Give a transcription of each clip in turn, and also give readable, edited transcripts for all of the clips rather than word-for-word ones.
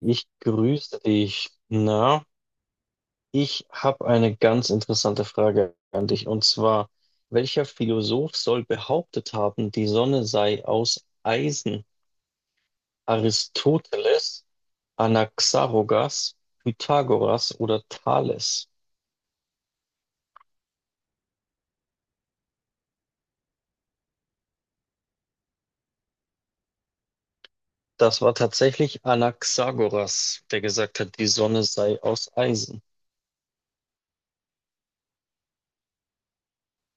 Ich grüße dich. Na, ich habe eine ganz interessante Frage an dich. Und zwar, welcher Philosoph soll behauptet haben, die Sonne sei aus Eisen? Aristoteles, Anaxagoras, Pythagoras oder Thales? Das war tatsächlich Anaxagoras, der gesagt hat, die Sonne sei aus Eisen.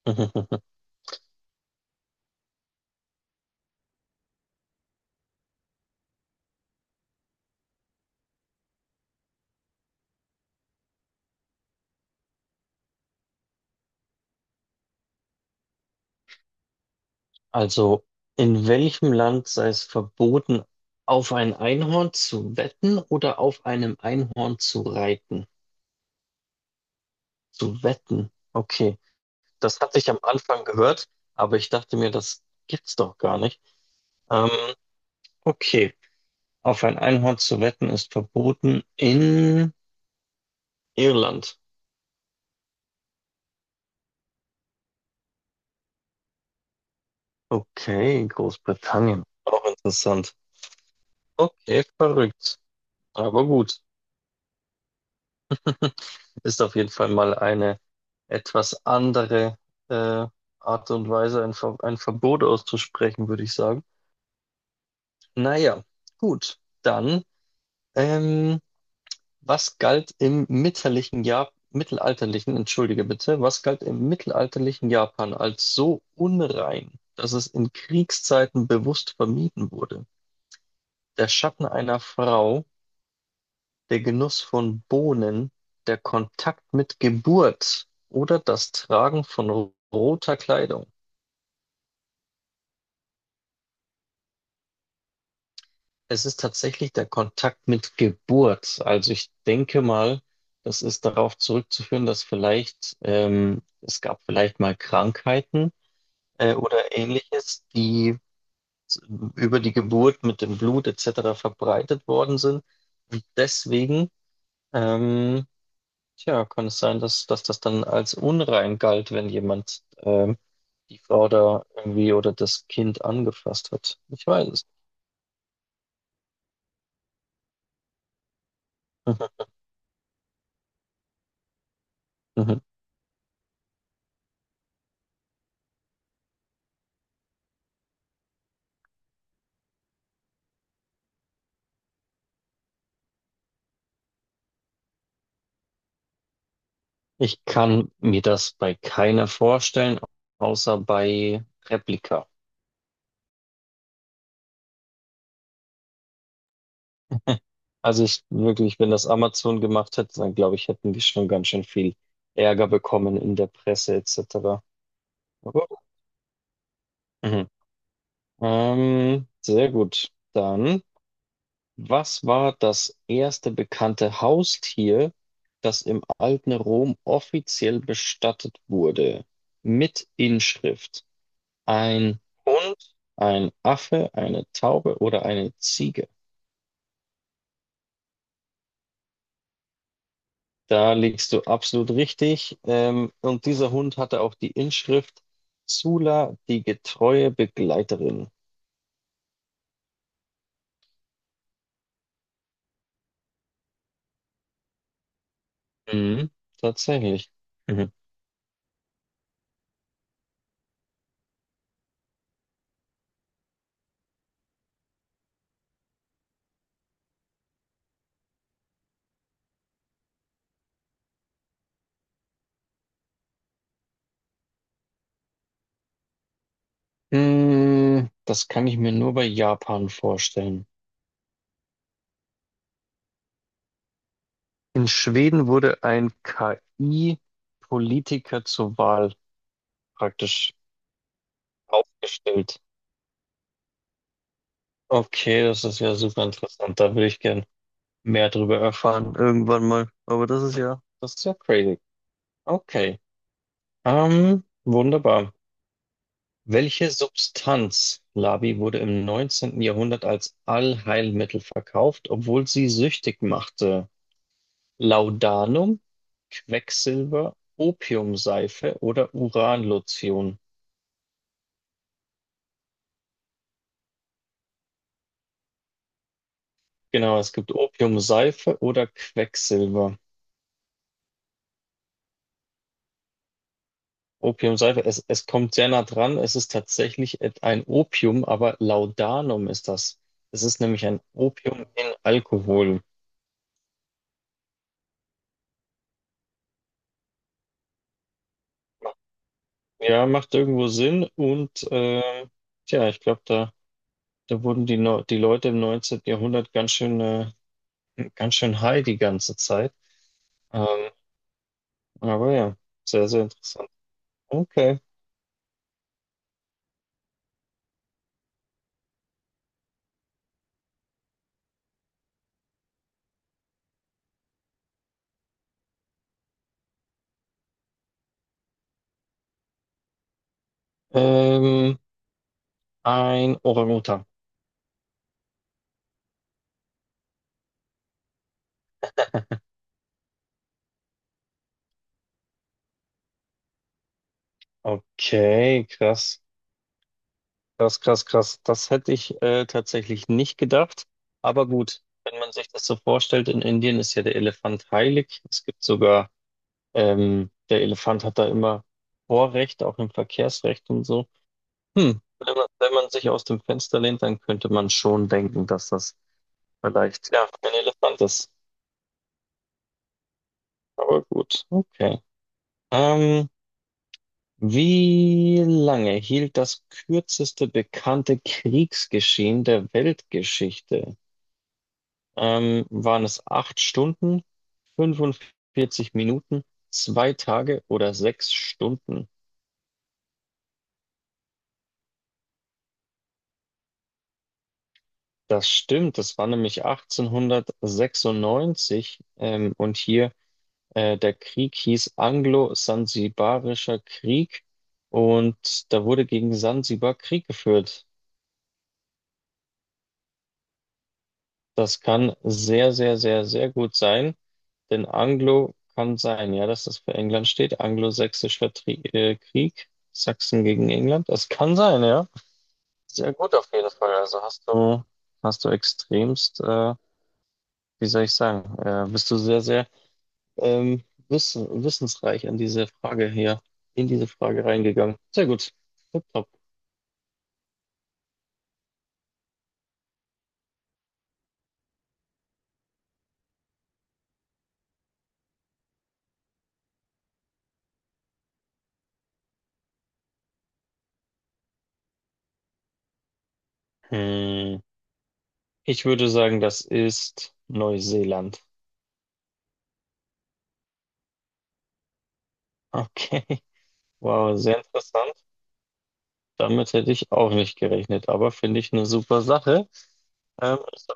Also, in welchem Land sei es verboten, auf ein Einhorn zu wetten oder auf einem Einhorn zu reiten? Zu wetten. Okay, das hatte ich am Anfang gehört, aber ich dachte mir, das gibt's doch gar nicht. Ähm, okay, auf ein Einhorn zu wetten ist verboten in Irland. Okay, Großbritannien. Auch interessant. Okay, verrückt. Aber gut. Ist auf jeden Fall mal eine etwas andere äh, Art und Weise, ein Verbot auszusprechen, würde ich sagen. Naja, gut. Dann, ähm, was galt im mittelalterlichen Japan, mittelalterlichen, entschuldige bitte, was galt im mittelalterlichen Japan als so unrein, dass es in Kriegszeiten bewusst vermieden wurde? Der Schatten einer Frau, der Genuss von Bohnen, der Kontakt mit Geburt oder das Tragen von roter Kleidung? Es ist tatsächlich der Kontakt mit Geburt. Also ich denke mal, das ist darauf zurückzuführen, dass vielleicht es gab vielleicht mal Krankheiten oder ähnliches, die s- über die Geburt mit dem Blut etc. verbreitet worden sind. Und deswegen, ähm, tja, kann es sein, dass, dass das dann als unrein galt, wenn jemand die Frau da irgendwie oder das Kind angefasst hat? Ich weiß es. Mhm, mhm. Ich kann mir das bei keiner vorstellen, außer bei Replika. Also ich wirklich, wenn das Amazon gemacht hätte, dann glaube ich, hätten wir schon ganz schön viel Ärger bekommen in der Presse etc. Aber, mhm. Sehr gut. Dann, was war das erste bekannte Haustier, das im alten Rom offiziell bestattet wurde? Mit Inschrift. Ein Hund, ein Affe, eine Taube oder eine Ziege? Da liegst du absolut richtig. Und dieser Hund hatte auch die Inschrift Sulla, die getreue Begleiterin. Mhm, tatsächlich. Mhm. Mm, das kann ich mir nur bei Japan vorstellen. In Schweden wurde ein KI-Politiker zur Wahl praktisch aufgestellt. Okay, das ist ja super interessant. Da würde ich gern mehr drüber erfahren irgendwann mal. Aber das ist ja crazy. Okay, wunderbar. Welche Substanz, Labi, wurde im 19. Jahrhundert als Allheilmittel verkauft, obwohl sie süchtig machte? Laudanum, Quecksilber, Opiumseife oder Uranlotion? Genau, es gibt Opiumseife oder Quecksilber. Opiumseife, es kommt sehr nah dran. Es ist tatsächlich ein Opium, aber Laudanum ist das. Es ist nämlich ein Opium in Alkohol. Ja, macht irgendwo Sinn und tja, ich glaube, da wurden die, die Leute im 19. Jahrhundert ganz schön high die ganze Zeit. Ähm, aber ja, sehr, sehr interessant. Okay. Ähm, ein Orang-Utan. Okay, krass. Krass, krass, krass. Das hätte ich tatsächlich nicht gedacht. Aber gut, wenn man sich das so vorstellt, in Indien ist ja der Elefant heilig. Es gibt sogar, der Elefant hat da immer Vorrecht, auch im Verkehrsrecht und so. Hm, wenn man sich aus dem Fenster lehnt, dann könnte man schon denken, dass das vielleicht, ja, ein Elefant ist. Aber gut, okay. Ähm, wie lange hielt das kürzeste bekannte Kriegsgeschehen der Weltgeschichte? Waren es acht Stunden, 45 Minuten, zwei Tage oder sechs Stunden? Das stimmt, das war nämlich 1896, und hier der Krieg hieß Anglo-Sansibarischer Krieg, und da wurde gegen Sansibar Krieg geführt. Das kann sehr, sehr, sehr, sehr gut sein, denn Anglo kann sein, ja, dass das für England steht. Anglo-Sächsischer Tri Krieg, Sachsen gegen England. Das kann sein, ja. Sehr gut auf jeden Fall. Also hast du extremst, wie soll ich sagen, bist du sehr, sehr wissensreich an diese Frage hier, in diese Frage reingegangen. Sehr gut. Tip Top. Hm. Ich würde sagen, das ist Neuseeland. Okay. Wow, sehr interessant. Damit hätte ich auch nicht gerechnet, aber finde ich eine super Sache. Ähm, ist,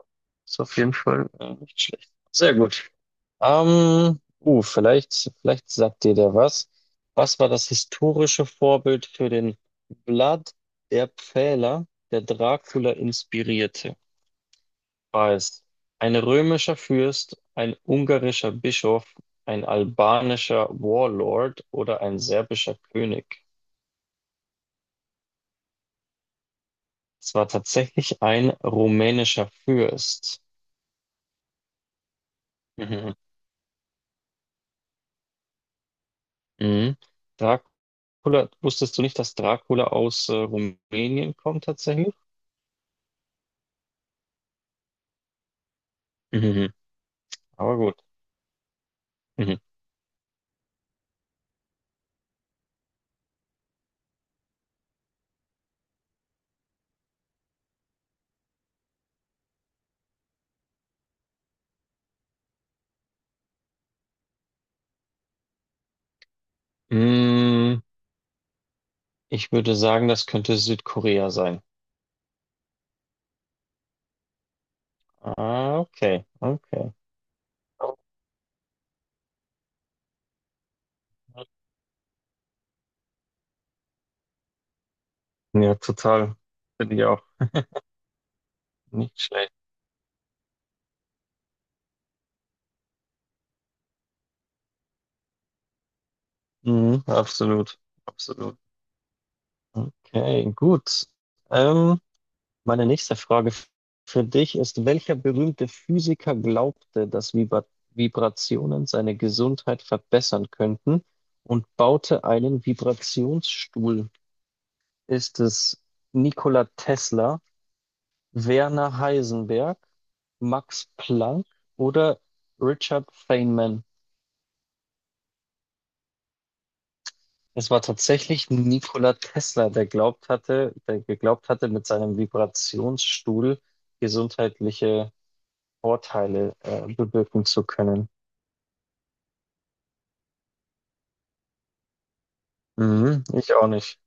ist auf jeden Fall nicht schlecht. Sehr gut. Vielleicht sagt dir der was. Was war das historische Vorbild für den Vlad der Pfähler, der Dracula inspirierte? War es ein römischer Fürst, ein ungarischer Bischof, ein albanischer Warlord oder ein serbischer König? Es war tatsächlich ein rumänischer Fürst. Mhm. Mhm. Dracula, wusstest du nicht, dass Dracula aus Rumänien kommt tatsächlich? Mhm. Aber gut. Mhm. Mm, ich würde sagen, das könnte Südkorea sein. Ah, okay, okay. Ja, total. Finde ich auch nicht schlecht. Mhm, absolut, absolut. Okay, gut. Ähm, meine nächste Frage für dich ist, welcher berühmte Physiker glaubte, dass Vibrationen seine Gesundheit verbessern könnten und baute einen Vibrationsstuhl? Ist es Nikola Tesla, Werner Heisenberg, Max Planck oder Richard Feynman? Es war tatsächlich Nikola Tesla, der geglaubt hatte, mit seinem Vibrationsstuhl gesundheitliche Vorteile bewirken zu können. Mhm, ich auch nicht.